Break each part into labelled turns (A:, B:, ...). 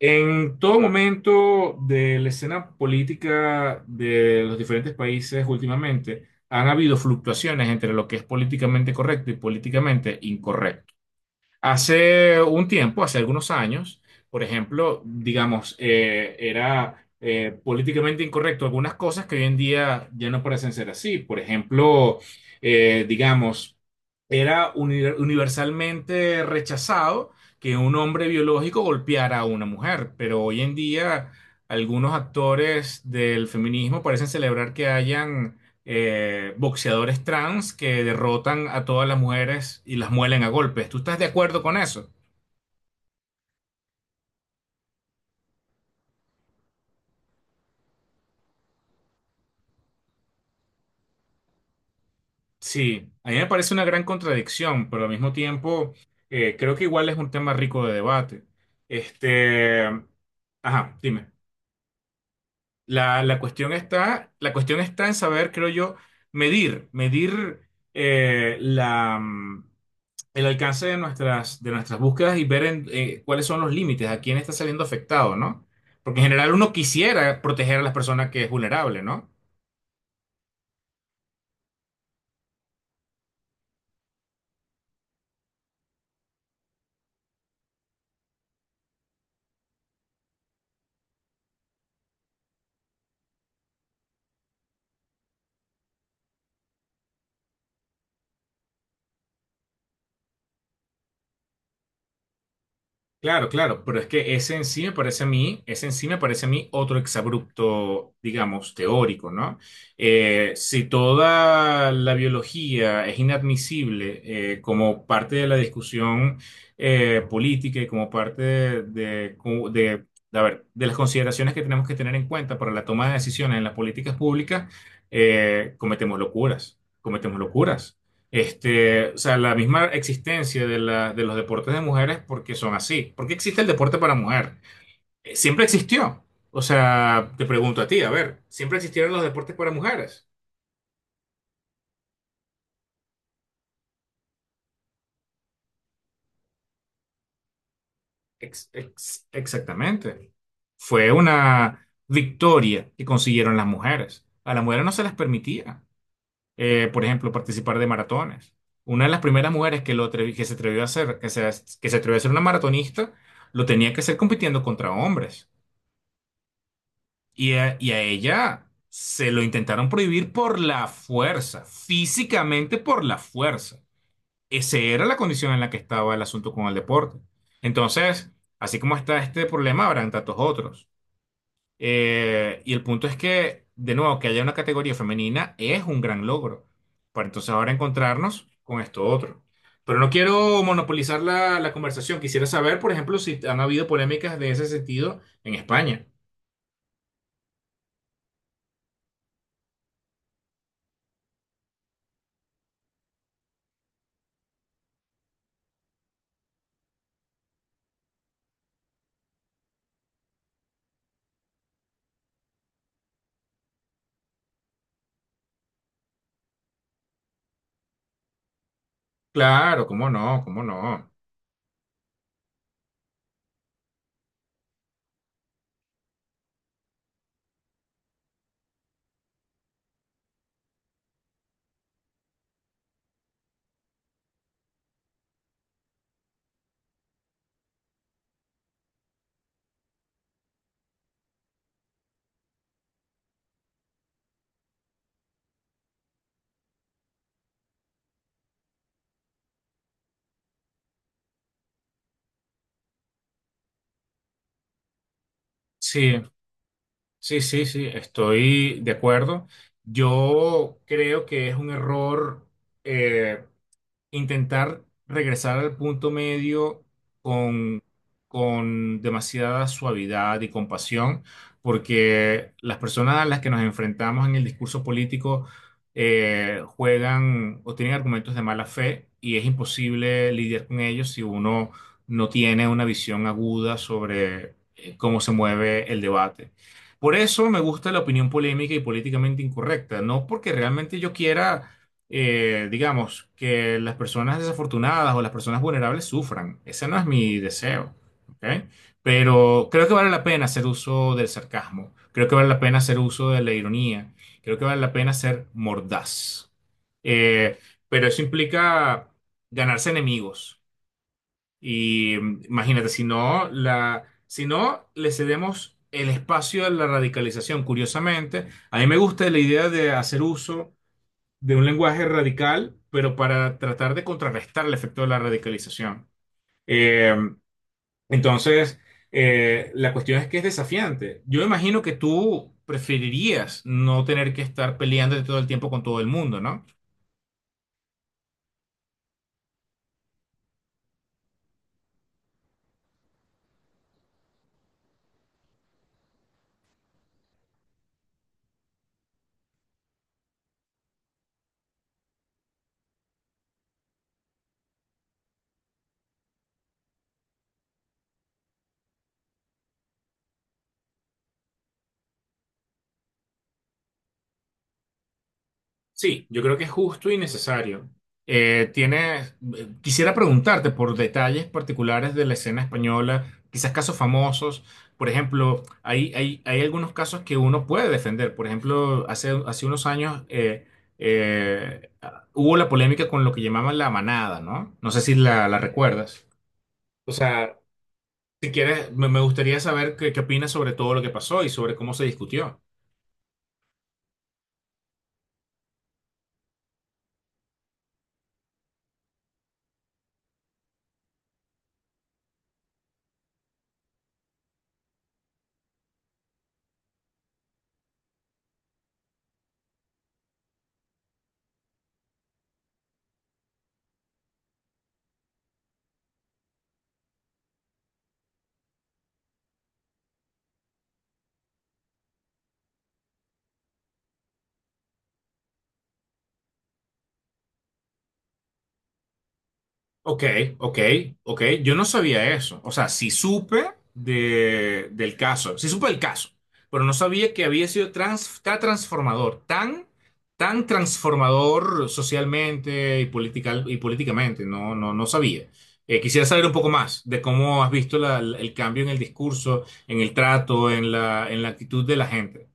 A: En todo momento de la escena política de los diferentes países últimamente, han habido fluctuaciones entre lo que es políticamente correcto y políticamente incorrecto. Hace un tiempo, hace algunos años, por ejemplo, digamos, era políticamente incorrecto algunas cosas que hoy en día ya no parecen ser así. Por ejemplo, digamos, era universalmente rechazado que un hombre biológico golpeara a una mujer, pero hoy en día algunos actores del feminismo parecen celebrar que hayan boxeadores trans que derrotan a todas las mujeres y las muelen a golpes. ¿Tú estás de acuerdo con eso? Sí, a mí me parece una gran contradicción, pero al mismo tiempo creo que igual es un tema rico de debate. Este, ajá, dime. La cuestión está, la cuestión está en saber, creo yo, medir eh, la, el alcance de nuestras búsquedas y ver en, cuáles son los límites, a quién está saliendo afectado, ¿no? Porque en general uno quisiera proteger a las personas que es vulnerable, ¿no? Claro, claro, pero es que ese en sí me parece a mí, ese en sí me parece a mí otro exabrupto, digamos, teórico, ¿no? Si toda la biología es inadmisible como parte de la discusión política y como parte de, de, a ver, de las consideraciones que tenemos que tener en cuenta para la toma de decisiones en las políticas públicas, cometemos locuras, cometemos locuras. Este, o sea, la misma existencia de, de los deportes de mujeres porque son así. ¿Por qué existe el deporte para mujer? Siempre existió. O sea, te pregunto a ti, a ver, ¿siempre existieron los deportes para mujeres? Exactamente. Fue una victoria que consiguieron las mujeres. A las mujeres no se les permitía, por ejemplo, participar de maratones. Una de las primeras mujeres que, que se atrevió a hacer, que se atrevió a ser una maratonista, lo tenía que hacer compitiendo contra hombres. Y a ella se lo intentaron prohibir por la fuerza, físicamente por la fuerza. Esa era la condición en la que estaba el asunto con el deporte. Entonces, así como está este problema, habrán tantos otros. Y el punto es que, de nuevo, que haya una categoría femenina es un gran logro. Para entonces ahora encontrarnos con esto otro. Pero no quiero monopolizar la conversación. Quisiera saber, por ejemplo, si han habido polémicas de ese sentido en España. Claro, cómo no, cómo no. Sí, sí, sí, sí, estoy de acuerdo. Yo creo que es un error. eh, Intentar regresar al punto medio con, con demasiada suavidad y compasión, porque las personas a las que nos enfrentamos en el discurso político juegan o tienen argumentos de mala fe y es imposible lidiar con ellos si uno no tiene una visión aguda sobre cómo se mueve el debate. Por eso me gusta la opinión polémica y políticamente incorrecta, no porque realmente yo quiera digamos, que las personas desafortunadas o las personas vulnerables sufran. Ese no es mi deseo, ¿ok? Pero creo que vale la pena hacer uso del sarcasmo, creo que vale la pena hacer uso de la ironía, creo que vale la pena ser mordaz. Eh, pero eso implica ganarse enemigos. Y imagínate, si no, si no le cedemos el espacio a la radicalización, curiosamente, a mí me gusta la idea de hacer uso de un lenguaje radical, pero para tratar de contrarrestar el efecto de la radicalización. Eh, entonces, la cuestión es que es desafiante. Yo imagino que tú preferirías no tener que estar peleándote todo el tiempo con todo el mundo, ¿no? Sí, yo creo que es justo y necesario. Quisiera preguntarte por detalles particulares de la escena española, quizás casos famosos. Por ejemplo, hay algunos casos que uno puede defender. Por ejemplo, hace unos años eh, hubo la polémica con lo que llamaban la manada, ¿no? No sé si la recuerdas. O sea, si quieres, me gustaría saber qué opinas sobre todo lo que pasó y sobre cómo se discutió. Ok, ok, ok. Yo no sabía eso. O sea, sí supe de, del caso, sí supe el caso, pero no sabía que había sido tan transformador, tan, tan transformador socialmente y, y políticamente. No, no, no sabía. Quisiera saber un poco más de cómo has visto el cambio en el discurso, en el trato, en en la actitud de la gente.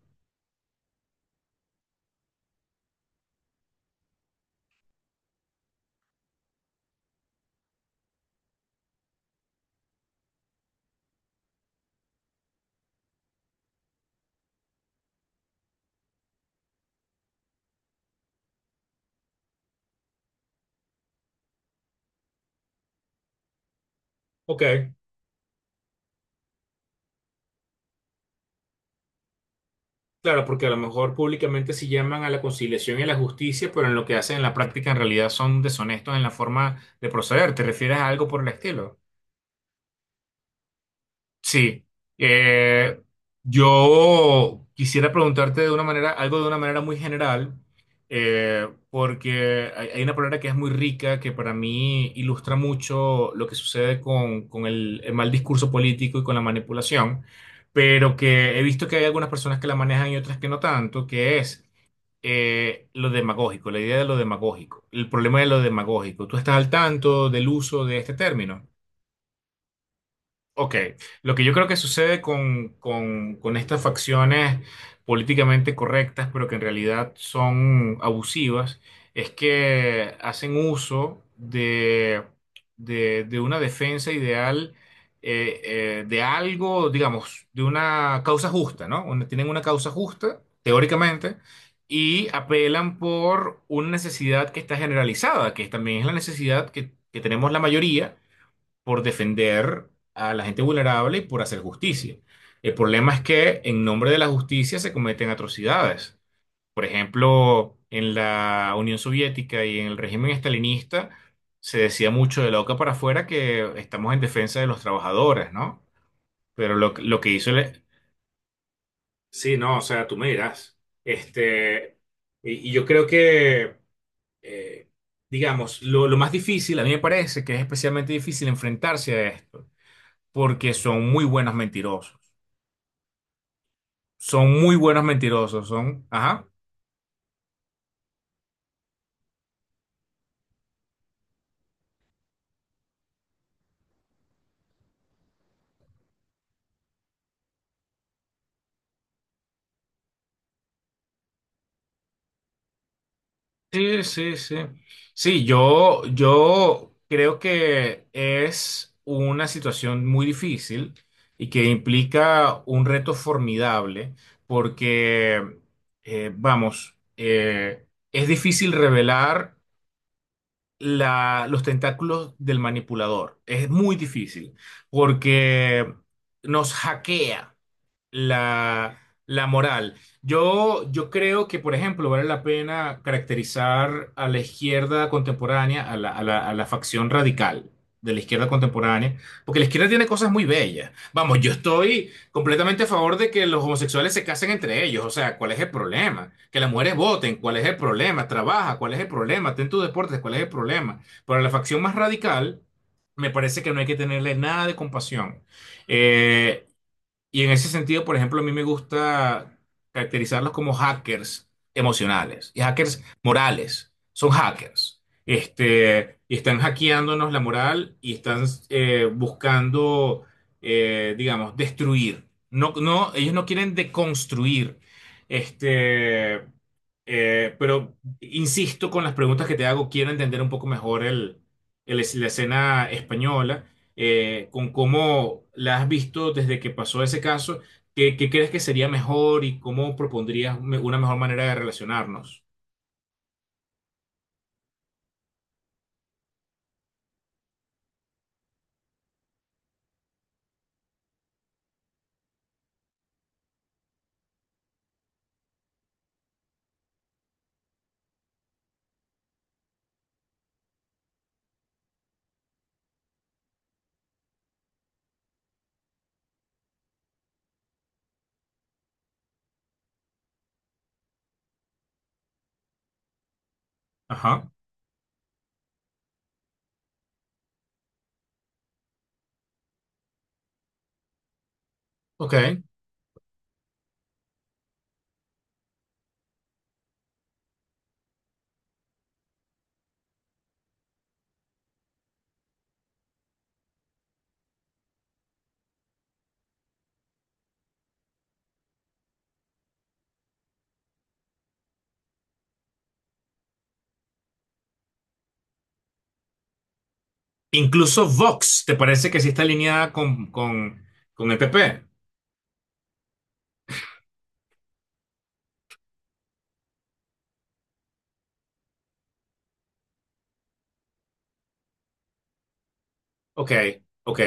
A: Ok. Claro, porque a lo mejor públicamente sí llaman a la conciliación y a la justicia, pero en lo que hacen en la práctica en realidad son deshonestos en la forma de proceder. ¿Te refieres a algo por el estilo? Sí. Eh, yo quisiera preguntarte de una manera, algo de una manera muy general, porque hay una palabra que es muy rica, que para mí ilustra mucho lo que sucede con el mal discurso político y con la manipulación, pero que he visto que hay algunas personas que la manejan y otras que no tanto, que es lo demagógico, la idea de lo demagógico, el problema de lo demagógico. ¿Tú estás al tanto del uso de este término? Ok, lo que yo creo que sucede con, con estas facciones políticamente correctas, pero que en realidad son abusivas, es que hacen uso de, de una defensa ideal, de algo, digamos, de una causa justa, ¿no? Tienen una causa justa, teóricamente, y apelan por una necesidad que está generalizada, que también es la necesidad que tenemos la mayoría por defender a la gente vulnerable y por hacer justicia. El problema es que en nombre de la justicia se cometen atrocidades. Por ejemplo, en la Unión Soviética y en el régimen estalinista se decía mucho de la boca para afuera que estamos en defensa de los trabajadores, ¿no? Pero lo que hizo el... Sí, no, o sea, tú me dirás. Este, y yo creo que, eh, digamos, lo más difícil, a mí me parece que es especialmente difícil enfrentarse a esto porque son muy buenos mentirosos. Son muy buenos mentirosos, son, ajá. Sí, sí, sí. Sí, yo creo que es una situación muy difícil y que implica un reto formidable porque, es difícil revelar los tentáculos del manipulador. Es muy difícil porque nos hackea la, la moral. Yo creo que, por ejemplo, vale la pena caracterizar a la izquierda contemporánea, a a la facción radical de la izquierda contemporánea, porque la izquierda tiene cosas muy bellas. Vamos, yo estoy completamente a favor de que los homosexuales se casen entre ellos, o sea, ¿cuál es el problema? Que las mujeres voten, ¿cuál es el problema? Trabaja, ¿cuál es el problema? Ten tus deportes, ¿cuál es el problema? Pero la facción más radical, me parece que no hay que tenerle nada de compasión. Eh, y en ese sentido, por ejemplo, a mí me gusta caracterizarlos como hackers emocionales y hackers morales. Son hackers. Este, y están hackeándonos la moral y están buscando, digamos, destruir. No, no, ellos no quieren deconstruir. Este, pero insisto con las preguntas que te hago, quiero entender un poco mejor el, la escena española con cómo la has visto desde que pasó ese caso, ¿qué, qué crees que sería mejor y cómo propondrías una mejor manera de relacionarnos? Ajá, ok. Incluso Vox, ¿te parece que sí está alineada con el PP? Ok, ok.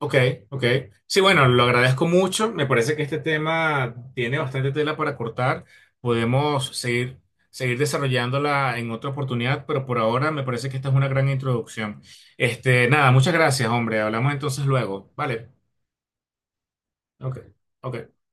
A: Ok, ok. Sí, bueno, lo agradezco mucho. Me parece que este tema tiene bastante tela para cortar. Podemos seguir, seguir desarrollándola en otra oportunidad, pero por ahora me parece que esta es una gran introducción. Este, nada, muchas gracias, hombre. Hablamos entonces luego. Vale. Ok, ok.